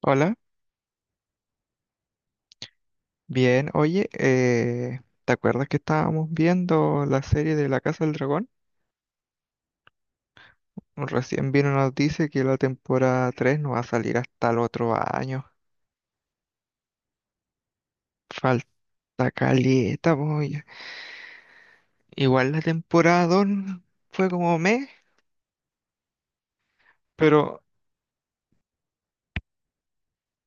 Hola, bien, oye, ¿te acuerdas que estábamos viendo la serie de La Casa del Dragón? Recién vino nos dice que la temporada 3 no va a salir hasta el otro año. Falta caleta, voy. Igual la temporada 2 fue como mes, pero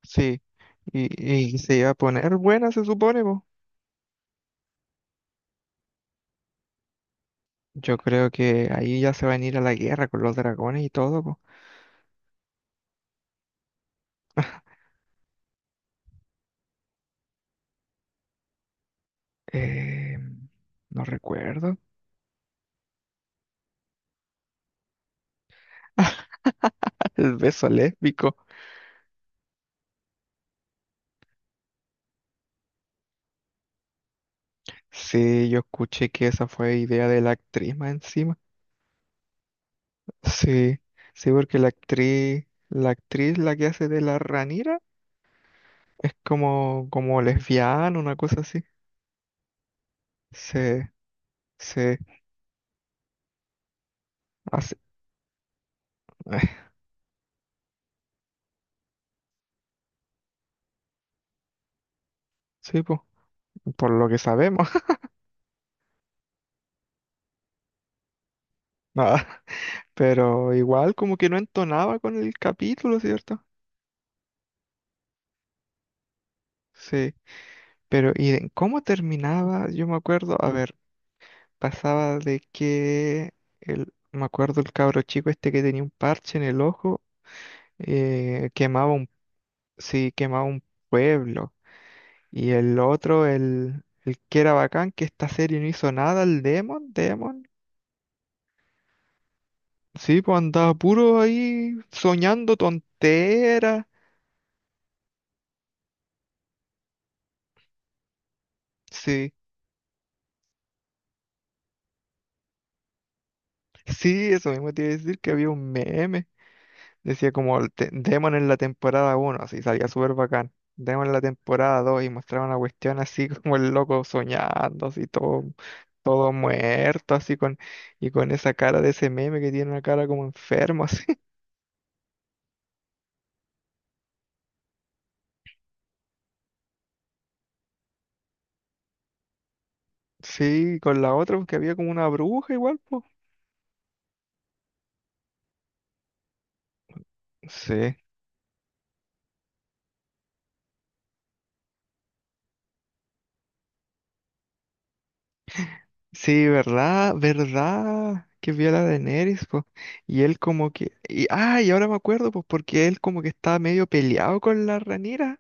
sí, y se iba a poner buena, se supone, po. Yo creo que ahí ya se van a ir a la guerra con los dragones y todo, po. Eh, no recuerdo. El beso lésbico. Sí, yo escuché que esa fue idea de la actriz más encima. Sí, sí, porque la actriz, la actriz la que hace de la Ranira es como, como lesbiana, una cosa así. Sí, sí, así. Sí, po, por lo que sabemos. Nada. Pero igual como que no entonaba con el capítulo, ¿cierto? Sí. Pero, ¿y en cómo terminaba? Yo me acuerdo, a ver, pasaba de que el, me acuerdo el cabro chico este que tenía un parche en el ojo. Quemaba un, sí, quemaba un pueblo. Y el otro, el que era bacán, que esta serie no hizo nada, el Demon, Demon. Sí, pues andaba puro ahí soñando tonteras. Sí, sí, eso mismo te iba a decir que había un meme. Decía como el Demon en la temporada uno así salía súper bacán. Demon en la temporada 2 y mostraban la cuestión así como el loco soñando, así todo, todo muerto, así con, y con esa cara de ese meme que tiene una cara como enfermo, así. Sí, con la otra, porque había como una bruja igual, pues. Sí. Sí, verdad, verdad, que vio a la Daenerys, pues. Y él como que, y, ah, y ahora me acuerdo, pues, porque él como que estaba medio peleado con la Ranira.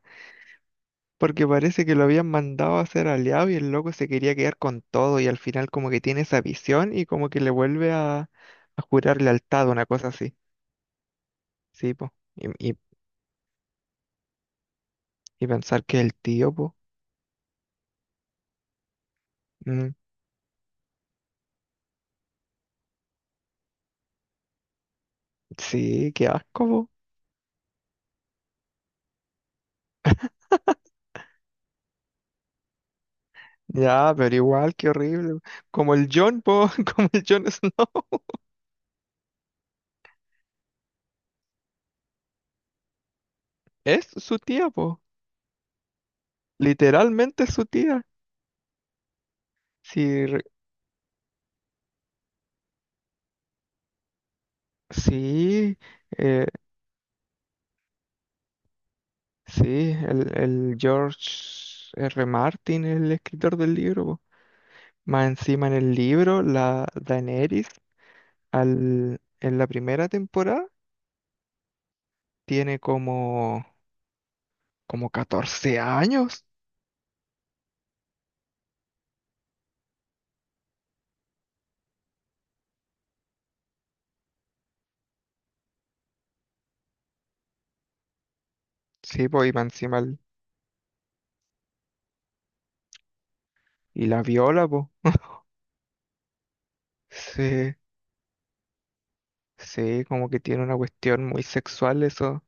Porque parece que lo habían mandado a ser aliado y el loco se quería quedar con todo y al final como que tiene esa visión y como que le vuelve a jurar lealtad, una cosa así. Sí, po. Y, y pensar que el tío, po. Mm, sí, qué asco, po. Ya, pero igual, qué horrible. Como el John, po. Como el John Snow. Es su tía, po. Literalmente es su tía. Sí, sí, eh, sí, el George R. Martin, el escritor del libro, po. Más encima en el libro, la Daenerys, al, en la primera temporada, tiene como, como 14 años. Sí, pues, y más encima y la viola, pues. Sí, sí, como que tiene una cuestión muy sexual eso,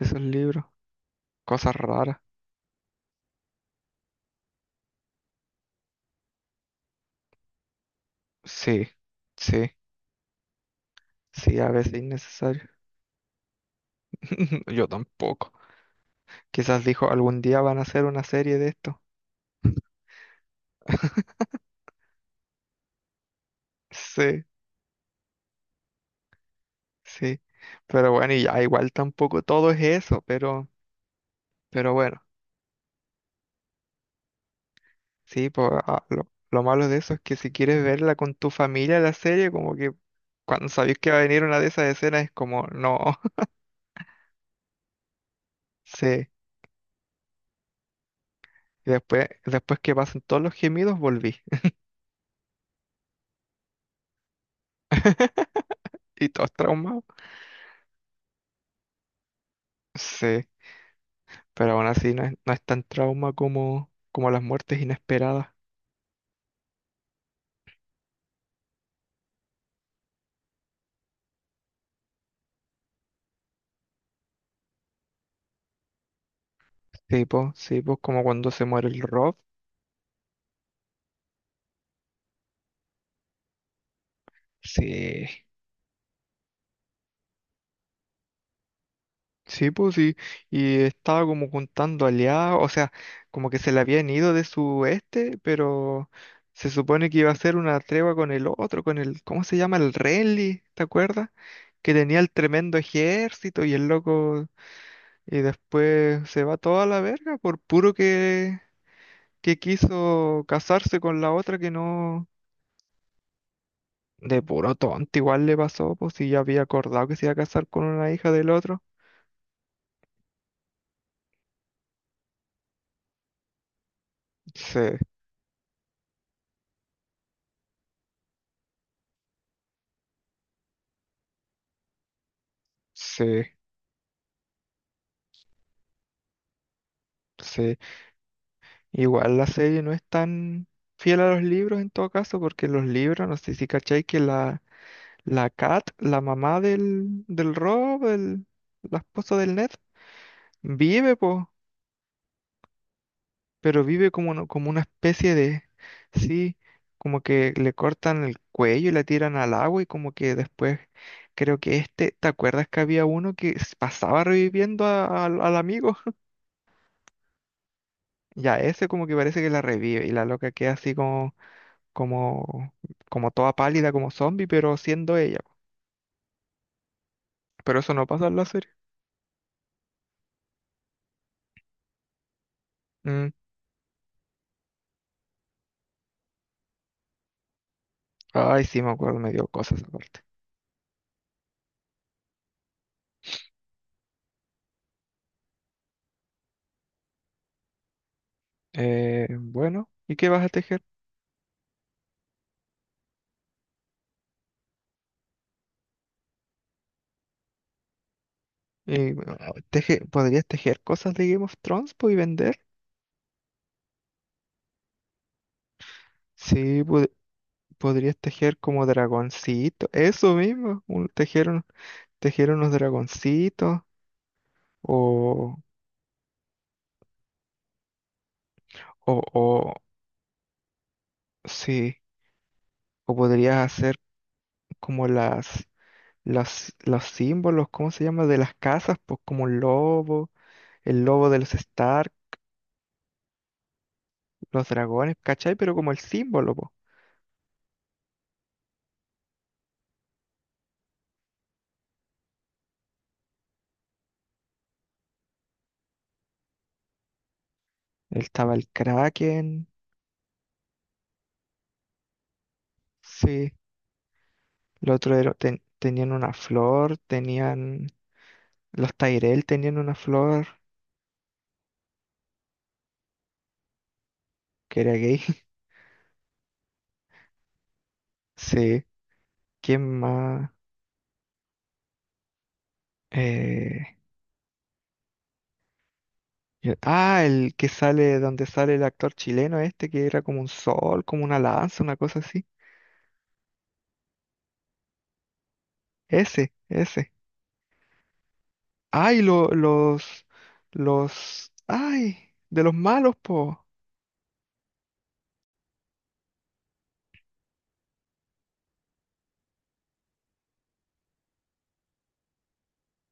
esos libros. Cosas raras. Sí, sí, sí, a veces innecesario. Yo tampoco. Quizás dijo, algún día van a hacer una serie de esto. Sí, sí. Pero bueno, y ya igual tampoco todo es eso, pero bueno, sí, pues lo malo de eso es que si quieres verla con tu familia la serie, como que cuando sabéis que va a venir una de esas escenas es como, no, sí. Y después, después que pasan todos los gemidos, volví. Y todos traumados. Sí, pero aún así no es, no es tan trauma como, como las muertes inesperadas. Sí, pues como cuando se muere el Rob. Sí, sí, pues sí, y estaba como juntando aliados, o sea, como que se le habían ido de su este, pero se supone que iba a ser una tregua con el otro, con el, ¿cómo se llama? El Renly, ¿te acuerdas? Que tenía el tremendo ejército y el loco, y después se va toda la verga por puro que quiso casarse con la otra que no, de puro tonto, igual le pasó, pues si ya había acordado que se iba a casar con una hija del otro. Sí, sí, sí. Igual la serie no es tan fiel a los libros en todo caso, porque los libros, no sé si cachai que la, la Kat, la mamá del, del Rob, la esposa del Ned, vive, po, pero vive como, como una especie de, sí, como que le cortan el cuello y la tiran al agua y como que después, creo que este, ¿te acuerdas que había uno que pasaba reviviendo al amigo? Ya, ese como que parece que la revive y la loca queda así como como, como toda pálida, como zombie, pero siendo ella. Pero eso no pasa en la serie. Mm, ay, sí, me acuerdo, me dio cosas aparte. Bueno, ¿y qué vas a tejer? Y, bueno, ¿podrías tejer cosas de Game of Thrones po, y vender? Sí, podrías tejer como dragoncito, eso mismo, un- tejer unos dragoncitos, o, o, sí, o podrías hacer como las los símbolos, ¿cómo se llama? De las casas, pues como un lobo, el lobo de los Stark, los dragones, ¿cachai? Pero como el símbolo, pues. Estaba el Kraken, sí. El otro era- tenían una flor, tenían. Los Tyrell tenían una flor, que era gay. Sí. ¿Quién más? Eh, ah, el que sale, donde sale el actor chileno este, que era como un sol, como una lanza, una cosa así. Ese, ese. Ay, los, ay, de los malos, po.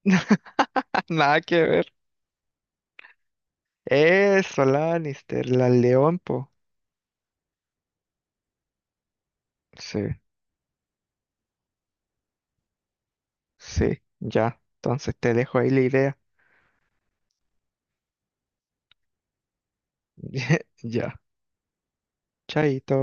Nada que ver. Eso, Lannister, la León, po. Sí, sí, ya. Entonces te dejo ahí la idea. Ya, chaito.